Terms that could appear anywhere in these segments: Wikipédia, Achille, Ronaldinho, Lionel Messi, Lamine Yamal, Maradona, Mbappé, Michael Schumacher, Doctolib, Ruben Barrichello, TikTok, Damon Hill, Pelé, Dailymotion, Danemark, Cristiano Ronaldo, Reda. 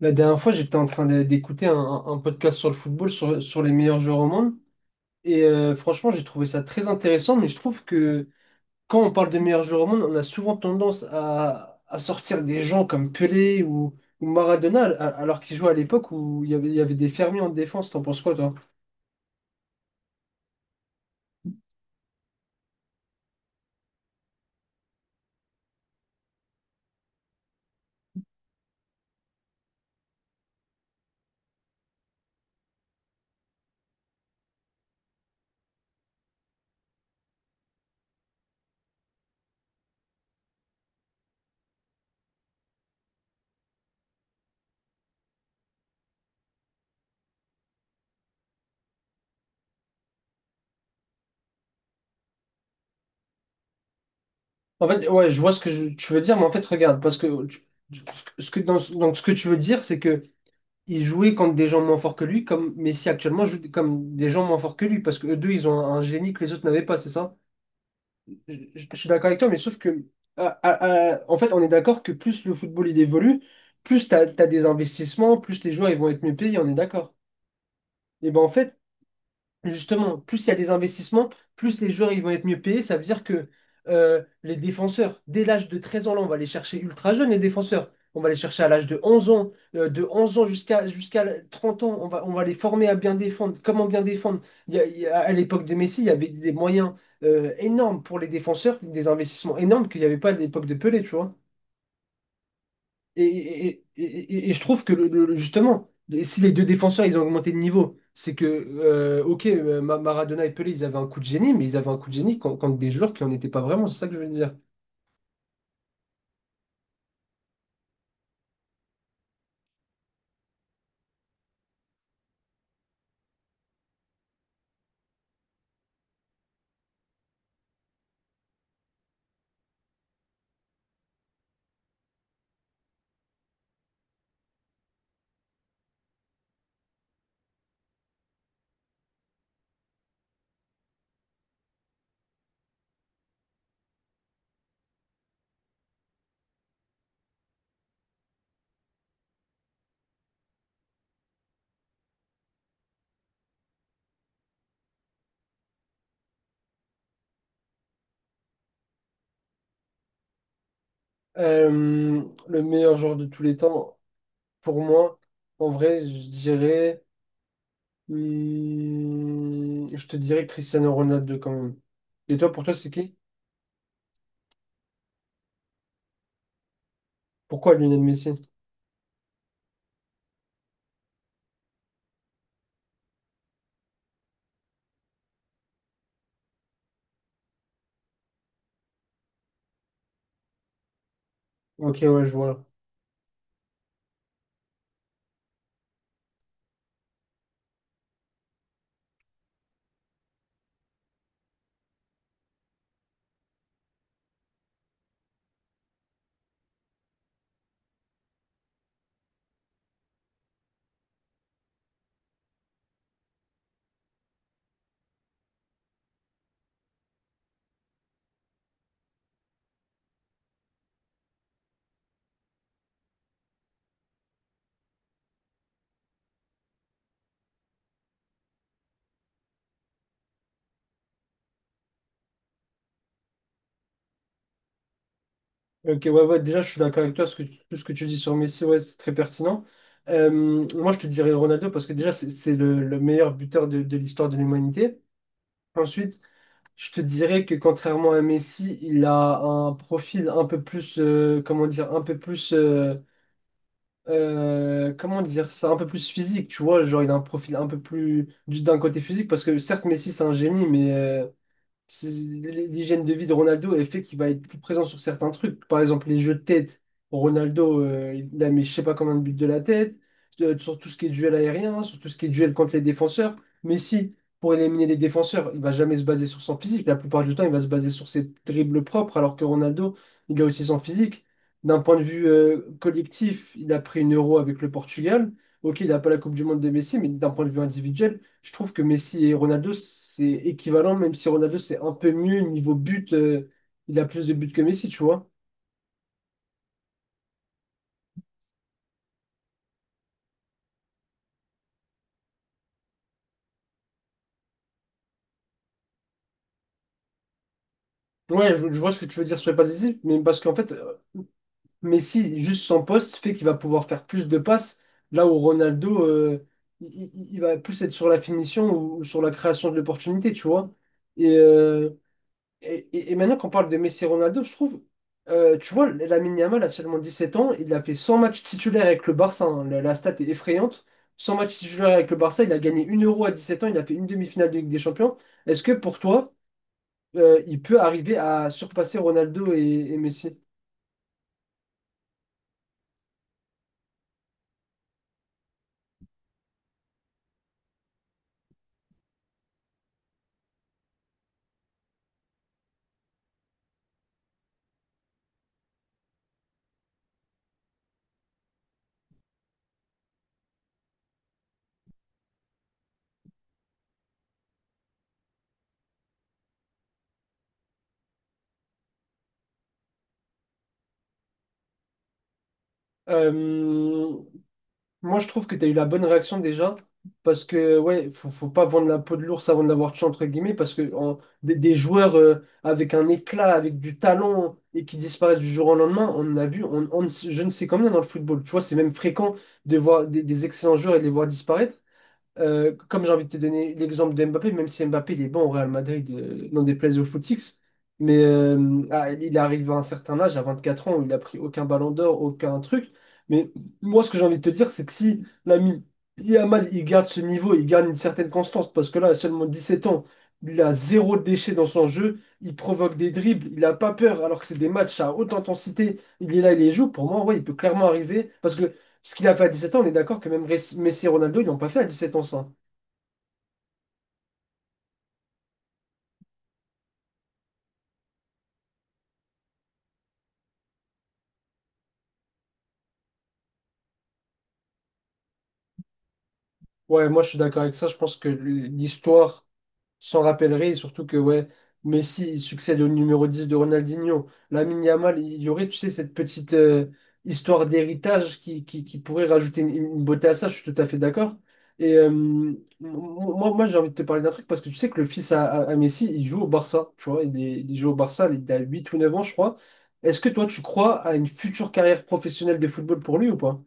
La dernière fois, j'étais en train d'écouter un podcast sur le football, sur les meilleurs joueurs au monde. Franchement, j'ai trouvé ça très intéressant, mais je trouve que quand on parle de meilleurs joueurs au monde, on a souvent tendance à sortir des gens comme Pelé ou Maradona, alors qu'ils jouaient à l'époque où il y avait des fermiers en défense. T'en penses quoi, toi? En fait, ouais, je vois ce que tu veux dire, mais en fait, regarde, parce que tu- ce que, ce que tu veux dire, c'est que il jouait contre des gens moins forts que lui, comme Messi actuellement joue comme des gens moins forts que lui, parce que eux deux, ils ont un génie que les autres n'avaient pas, c'est ça? Je suis d'accord avec toi, mais sauf que, en fait, on est d'accord que plus le football il évolue, plus t'as des investissements, plus les joueurs ils vont être mieux payés, on est d'accord. Et ben en fait, justement, plus il y a des investissements, plus les joueurs ils vont être mieux payés. Ça veut dire que les défenseurs, dès l'âge de 13 ans, là, on va les chercher ultra jeunes, les défenseurs. On va les chercher à l'âge de 11 ans, de 11 ans jusqu'à 30 ans. On va les former à bien défendre. Comment bien défendre? À l'époque de Messi, il y avait des moyens énormes pour les défenseurs, des investissements énormes qu'il n'y avait pas à l'époque de Pelé, tu vois. Et, et- et- et je trouve que justement, si les deux défenseurs ils ont augmenté de niveau, c'est que, ok, Maradona et Pelé, ils avaient un coup de génie, mais ils avaient un coup de génie contre des joueurs qui n'en étaient pas vraiment, c'est ça que je veux dire. Euh, le meilleur joueur de tous les temps, pour moi, en vrai, je dirais, hmm, je te dirais Cristiano Ronaldo quand même. Et toi, pour toi, c'est qui? Pourquoi Lionel Messi? Ok, ouais, je vois. Ok, ouais, ouais, déjà, je suis d'accord avec toi. Ce que, tout ce que tu dis sur Messi, ouais, c'est très pertinent. Moi, je te dirais Ronaldo parce que déjà, c'est le meilleur buteur de l'histoire de l'humanité. Ensuite, je te dirais que contrairement à Messi, il a un profil un peu plus, comment dire, un peu plus comment dire ça, un peu plus physique, tu vois, genre il a un profil un peu plus d'un côté physique, parce que certes Messi c'est un génie, mais l'hygiène de vie de Ronaldo, elle fait qu'il va être plus présent sur certains trucs. Par exemple, les jeux de tête. Ronaldo, il a mis je sais pas combien de buts de la tête, sur tout ce qui est duel aérien, sur tout ce qui est duel contre les défenseurs. Mais si, pour éliminer les défenseurs, il va jamais se baser sur son physique. La plupart du temps, il va se baser sur ses dribbles propres, alors que Ronaldo, il a aussi son physique. D'un point de vue collectif, il a pris une euro avec le Portugal. Ok, il n'a pas la Coupe du Monde de Messi, mais d'un point de vue individuel, je trouve que Messi et Ronaldo, c'est équivalent, même si Ronaldo, c'est un peu mieux niveau but. Il a plus de buts que Messi, tu vois. Ouais, je vois ce que tu veux dire sur les passes décisives, mais parce qu'en fait, Messi, juste son poste, fait qu'il va pouvoir faire plus de passes, là où Ronaldo, il va plus être sur la finition ou sur la création de l'opportunité, tu vois. Et, euh, et maintenant qu'on parle de Messi et Ronaldo, je trouve, tu vois, Lamine Yamal a seulement 17 ans, il a fait 100 matchs titulaires avec le Barça, hein. La stat est effrayante. 100 matchs titulaires avec le Barça, il a gagné une Euro à 17 ans, il a fait une demi-finale de Ligue des Champions. Est-ce que pour toi, il peut arriver à surpasser Ronaldo et Messi? Euh, Moi, je trouve que tu as eu la bonne réaction déjà, parce que, ouais, faut pas vendre la peau de l'ours avant de l'avoir tué, entre guillemets, parce que des, joueurs avec un éclat, avec du talent, et qui disparaissent du jour au lendemain, on en a vu, on ne je ne sais combien dans le football. Tu vois, c'est même fréquent de voir des excellents joueurs et de les voir disparaître. Comme j'ai envie de te donner l'exemple de Mbappé, même si Mbappé il est bon au Real Madrid, n'en déplaise au footix, mais il arrive à un certain âge, à 24 ans, où il a pris aucun ballon d'or, aucun truc. Mais moi, ce que j'ai envie de te dire, c'est que si l'ami Yamal il garde ce niveau, il garde une certaine constance, parce que là, à seulement 17 ans, il a zéro déchet dans son jeu, il provoque des dribbles, il n'a pas peur, alors que c'est des matchs à haute intensité, il est là, il les joue. Pour moi, ouais, il peut clairement arriver, parce que ce qu'il a fait à 17 ans, on est d'accord que même Messi et Ronaldo, ils l'ont pas fait à 17 ans, ça. Ouais, moi je suis d'accord avec ça. Je pense que l'histoire s'en rappellerait, et surtout que ouais, Messi il succède au numéro 10 de Ronaldinho. Lamine Yamal, il y aurait, tu sais, cette petite histoire d'héritage qui pourrait rajouter une beauté à ça, je suis tout à fait d'accord. Moi, j'ai envie de te parler d'un truc parce que tu sais que le fils à Messi, il joue au Barça, tu vois, il joue au Barça, il a 8 ou 9 ans, je crois. Est-ce que toi, tu crois à une future carrière professionnelle de football pour lui ou pas?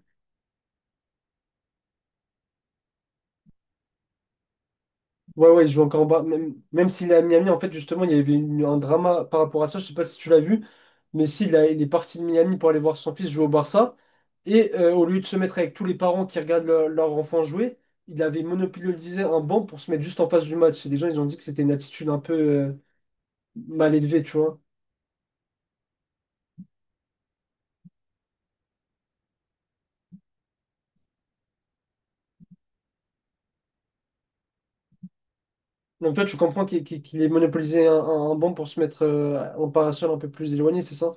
Ouais, ouais, il joue encore en bas. Même s'il est à Miami, en fait, justement, il y avait un drama par rapport à ça. Je sais pas si tu l'as vu, mais il est parti de Miami pour aller voir son fils jouer au Barça. Et au lieu de se mettre avec tous les parents qui regardent leur enfant jouer, il avait monopolisé un banc pour se mettre juste en face du match. Et les gens, ils ont dit que c'était une attitude un peu mal élevée, tu vois. Donc toi, tu comprends qu'il ait monopolisé un banc pour se mettre en parasol un peu plus éloigné, c'est ça?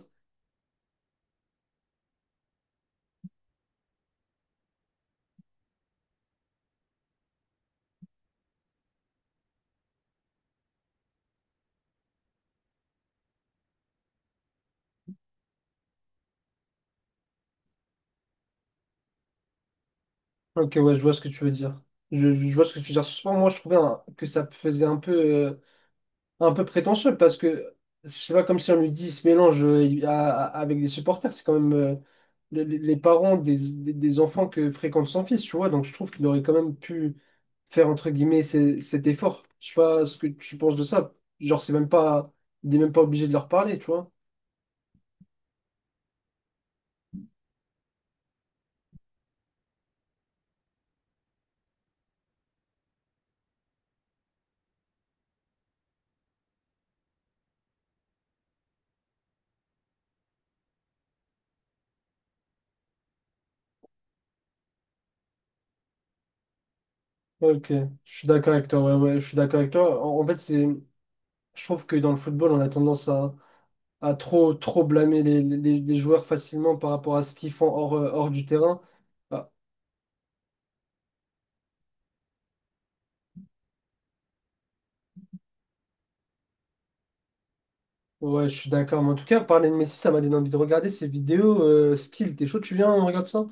Ok, ouais, je vois ce que tu veux dire. Je vois ce que tu veux dire. Souvent, moi, je trouvais que ça faisait un peu. Un peu prétentieux parce que c'est pas comme si on lui dit il se mélange avec des supporters, c'est quand même les parents des, des enfants que fréquente son fils, tu vois, donc je trouve qu'il aurait quand même pu faire entre guillemets cet effort. Je sais pas ce que tu penses de ça. Genre, c'est même pas, il est même pas obligé de leur parler, tu vois. Ok, je suis d'accord avec toi. Ouais, ouais, je suis d'accord avec toi. En fait, c'est, je trouve que dans le football, on a tendance à trop blâmer les, les joueurs facilement par rapport à ce qu'ils font hors, hors du terrain. Ah, ouais, je suis d'accord. Mais en tout cas, parler de Messi, ça m'a donné envie de regarder ses vidéos skill. T'es chaud, tu viens, on regarde ça?